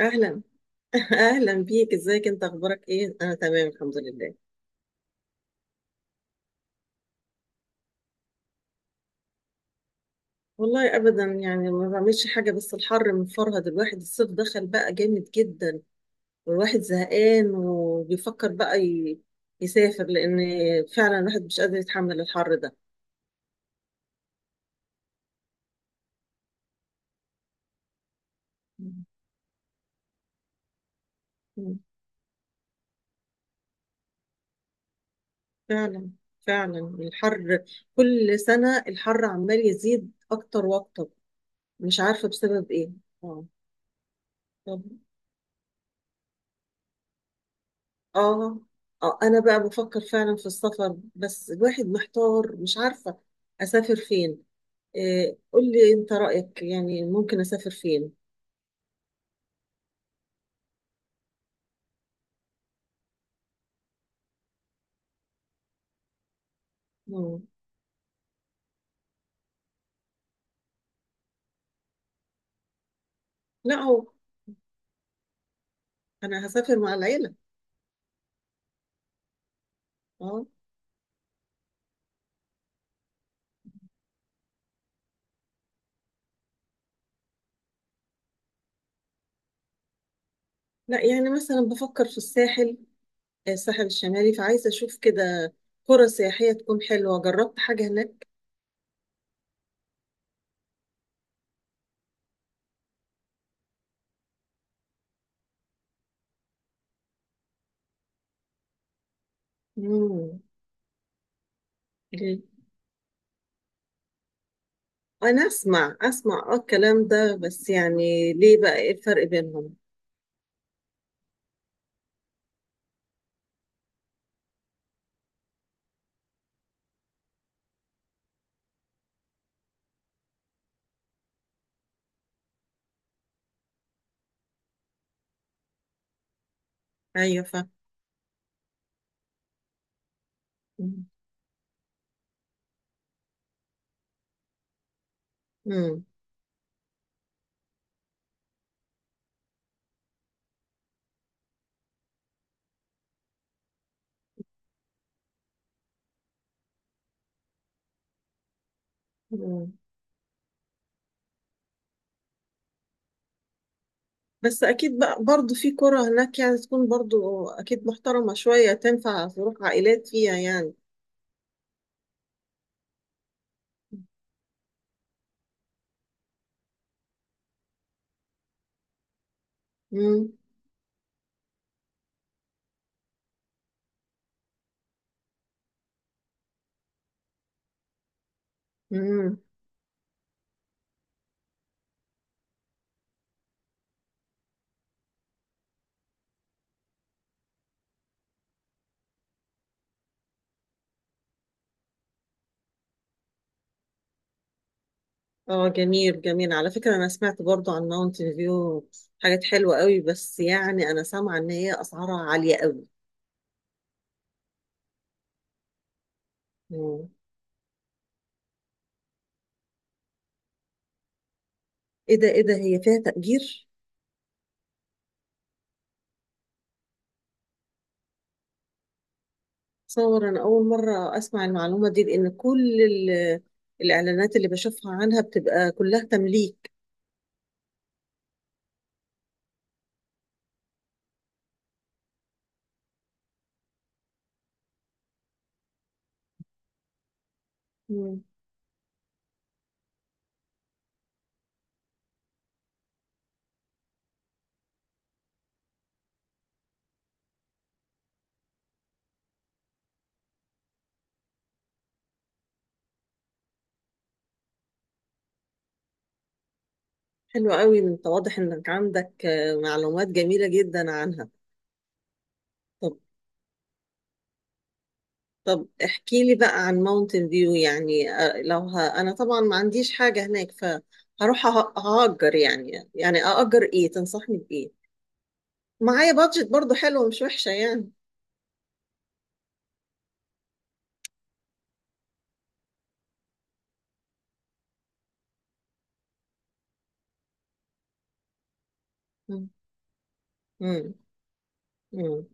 اهلا. اهلا بيك، ازيك؟ انت اخبارك ايه؟ انا تمام الحمد لله. والله ابدا، يعني ما بعملش حاجه، بس الحر مفرهد الواحد، الصيف دخل بقى جامد جدا، والواحد زهقان وبيفكر بقى يسافر، لان فعلا الواحد مش قادر يتحمل الحر ده. مم. فعلا، فعلا الحر، كل سنه الحر عمال يزيد اكتر واكتر، مش عارفه بسبب ايه. اه، اه، اه، انا بقى بفكر فعلا في السفر، بس الواحد محتار، مش عارفة اسافر فين. إيه، قول لي انت رأيك، يعني ممكن اسافر فين؟ مم. لا، هو انا هسافر مع العيلة. اه. لا، يعني مثلا بفكر في الساحل، الساحل الشمالي، فعايزة اشوف كده قرى سياحية تكون حلوة، جربت حاجة هناك؟ مم. ليه؟ انا اسمع اسمع اه الكلام ده، بس يعني ليه بقى؟ ايه الفرق بينهم؟ ايوه، فاهم. مم. مم. بس اكيد بقى برضه في قرى هناك، يعني تكون برضه اكيد محترمة شوية، تنفع تروح عائلات فيها يعني. امم امم اه، جميل، جميل، على فكرة انا سمعت برضو عن ماونتن فيو حاجات حلوة قوي، بس يعني انا سامعة ان هي اسعارها عالية قوي. مم. ايه ده؟ ايه ده؟ هي فيها تأجير؟ صور، انا اول مرة اسمع المعلومة دي، لان كل الاعلانات اللي بشوفها عنها بتبقى كلها تمليك. مم. حلو قوي، انت واضح انك عندك معلومات جميلة جدا عنها. طب طب، احكي لي بقى عن ماونتن فيو، يعني لو انا طبعا ما عنديش حاجة هناك، فهروح هأجر، يعني أأجر ايه، تنصحني بإيه؟ معايا بادجت برضو حلوة، مش وحشة يعني. مم. مم. مم.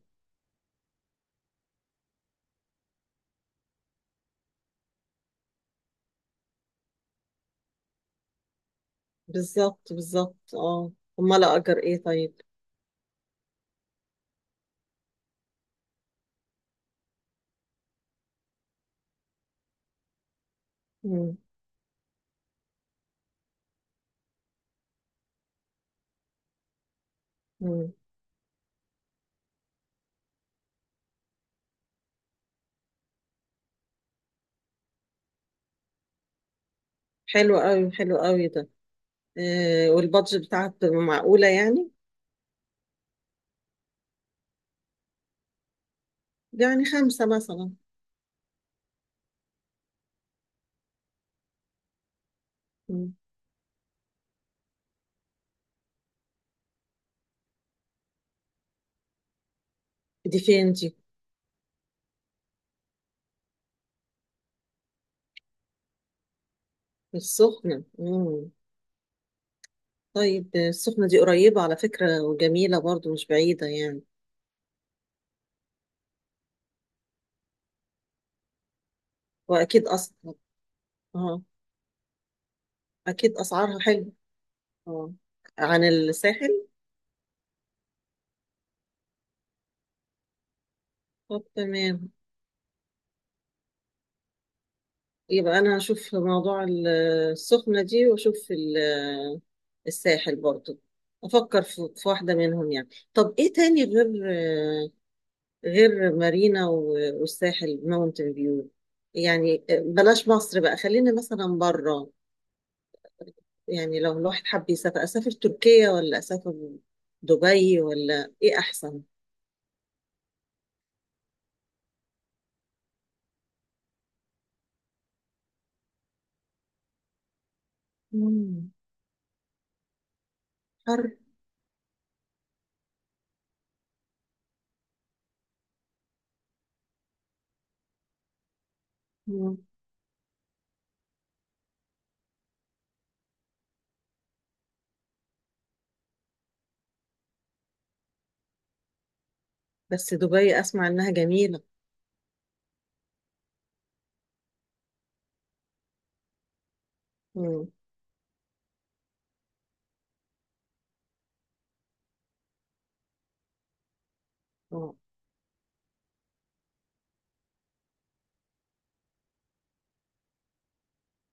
بالظبط، بالظبط، اه. امال أأجر ايه طيب؟ مم. مم. حلو قوي، حلو قوي ده. والبادجت بتاعت معقولة يعني. يعني خمسة مثلا. دي فين دي؟ السخنة. مم. طيب، السخنة دي قريبة على فكرة، وجميلة برضو، مش بعيدة يعني. وأكيد اه، أكيد أسعارها حلوة. اه، عن الساحل. طب، تمام. يبقى أنا هشوف موضوع السخنة دي، وأشوف الساحل برضو، أفكر في واحدة منهم يعني. طب إيه تاني غير مارينا والساحل ماونتن فيو؟ يعني بلاش مصر بقى، خلينا مثلا بره. يعني لو الواحد حب يسافر، أسافر تركيا ولا أسافر دبي ولا إيه أحسن؟ مم. حر. مم. بس دبي أسمع إنها جميلة. مم. آه.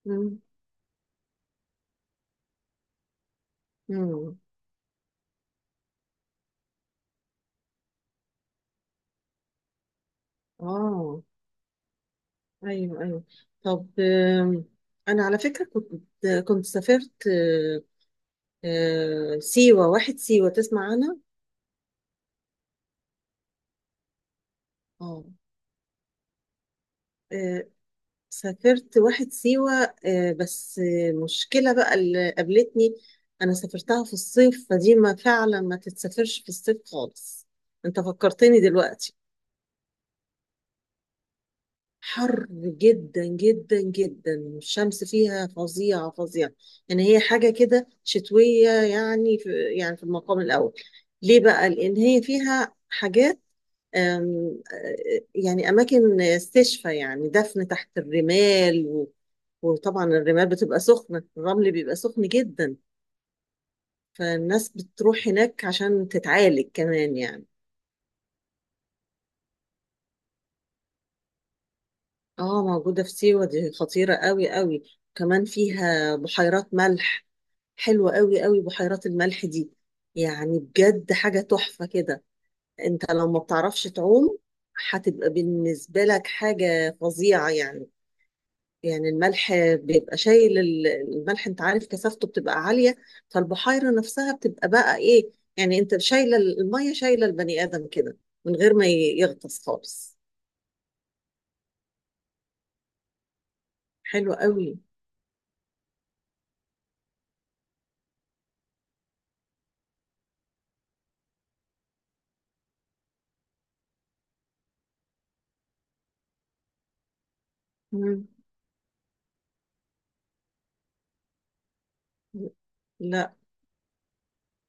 مم. مم. آه، أيوه، أيوه. طب، أنا على فكرة كنت سافرت آه، آه، سيوة واحد سيوة، تسمع عنها؟ آه، سافرت واحد سيوة، بس مشكلة بقى اللي قابلتني، أنا سافرتها في الصيف، فدي ما فعلا ما تتسافرش في الصيف خالص، أنت فكرتني دلوقتي. حر جدا جدا جدا، الشمس فيها فظيعة، فظيعة. يعني هي حاجة كده شتوية، يعني في المقام الأول. ليه بقى؟ لأن هي فيها حاجات، أم، آه، يعني أماكن استشفى، يعني دفن تحت الرمال وطبعا الرمال بتبقى سخنة، الرمل بيبقى سخن جدا، فالناس بتروح هناك عشان تتعالج كمان يعني. اه، موجودة في سيوة. دي خطيرة قوي، قوي. كمان فيها بحيرات ملح، حلوة قوي، قوي، بحيرات الملح دي. يعني بجد حاجة تحفة كده. انت لو ما بتعرفش تعوم، هتبقى بالنسبة لك حاجة فظيعة يعني. يعني الملح بيبقى شايل الملح، انت عارف كثافته بتبقى عالية، فالبحيرة نفسها بتبقى بقى ايه، يعني انت شايلة المية، شايلة البني آدم كده، من غير ما يغطس خالص. حلوة قوي. مم. لا،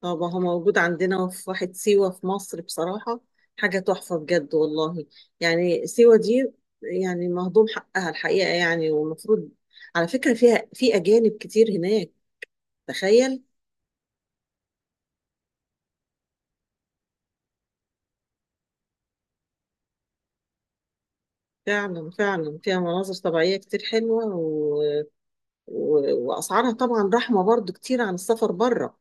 اه، ما هو موجود عندنا في واحد سيوة في مصر، بصراحة حاجة تحفة بجد والله. يعني سيوة دي يعني مهضوم حقها الحقيقة، يعني والمفروض على فكرة فيها في أجانب كتير هناك، تخيل. فعلا، فعلا فيها مناظر طبيعية كتير حلوة، و... وأسعارها طبعا رحمة برضو كتير عن السفر بره.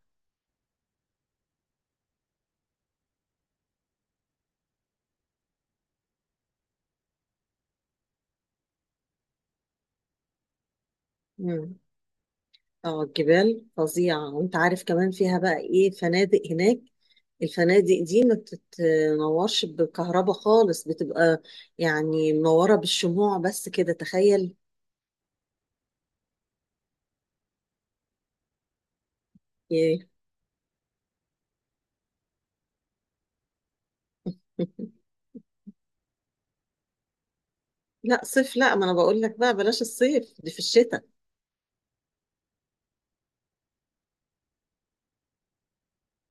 اه، الجبال فظيعة، وانت عارف كمان فيها بقى ايه؟ فنادق هناك، الفنادق دي ما بتتنورش بالكهرباء خالص، بتبقى يعني منورة بالشموع بس كده، تخيل. ياه. لا، صيف لا، ما انا بقول لك بقى بلاش الصيف، دي في الشتاء.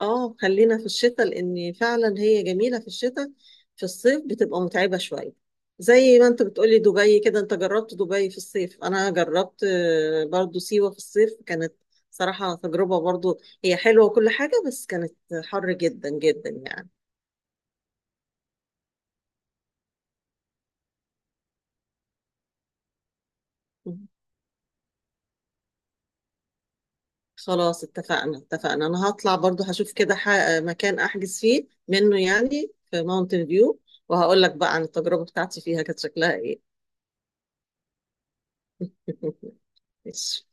اه، خلينا في الشتاء، لان فعلا هي جميله في الشتاء، في الصيف بتبقى متعبه شويه، زي ما انت بتقولي دبي كده، انت جربت دبي في الصيف، انا جربت برضو سيوه في الصيف، كانت صراحه تجربه، برضو هي حلوه وكل حاجه، بس كانت حر جدا جدا يعني. مم. خلاص، اتفقنا، اتفقنا، انا هطلع برضو، هشوف كده مكان احجز فيه منه يعني في ماونتن فيو، وهقول لك بقى عن التجربه بتاعتي فيها كانت شكلها ايه. ماشي.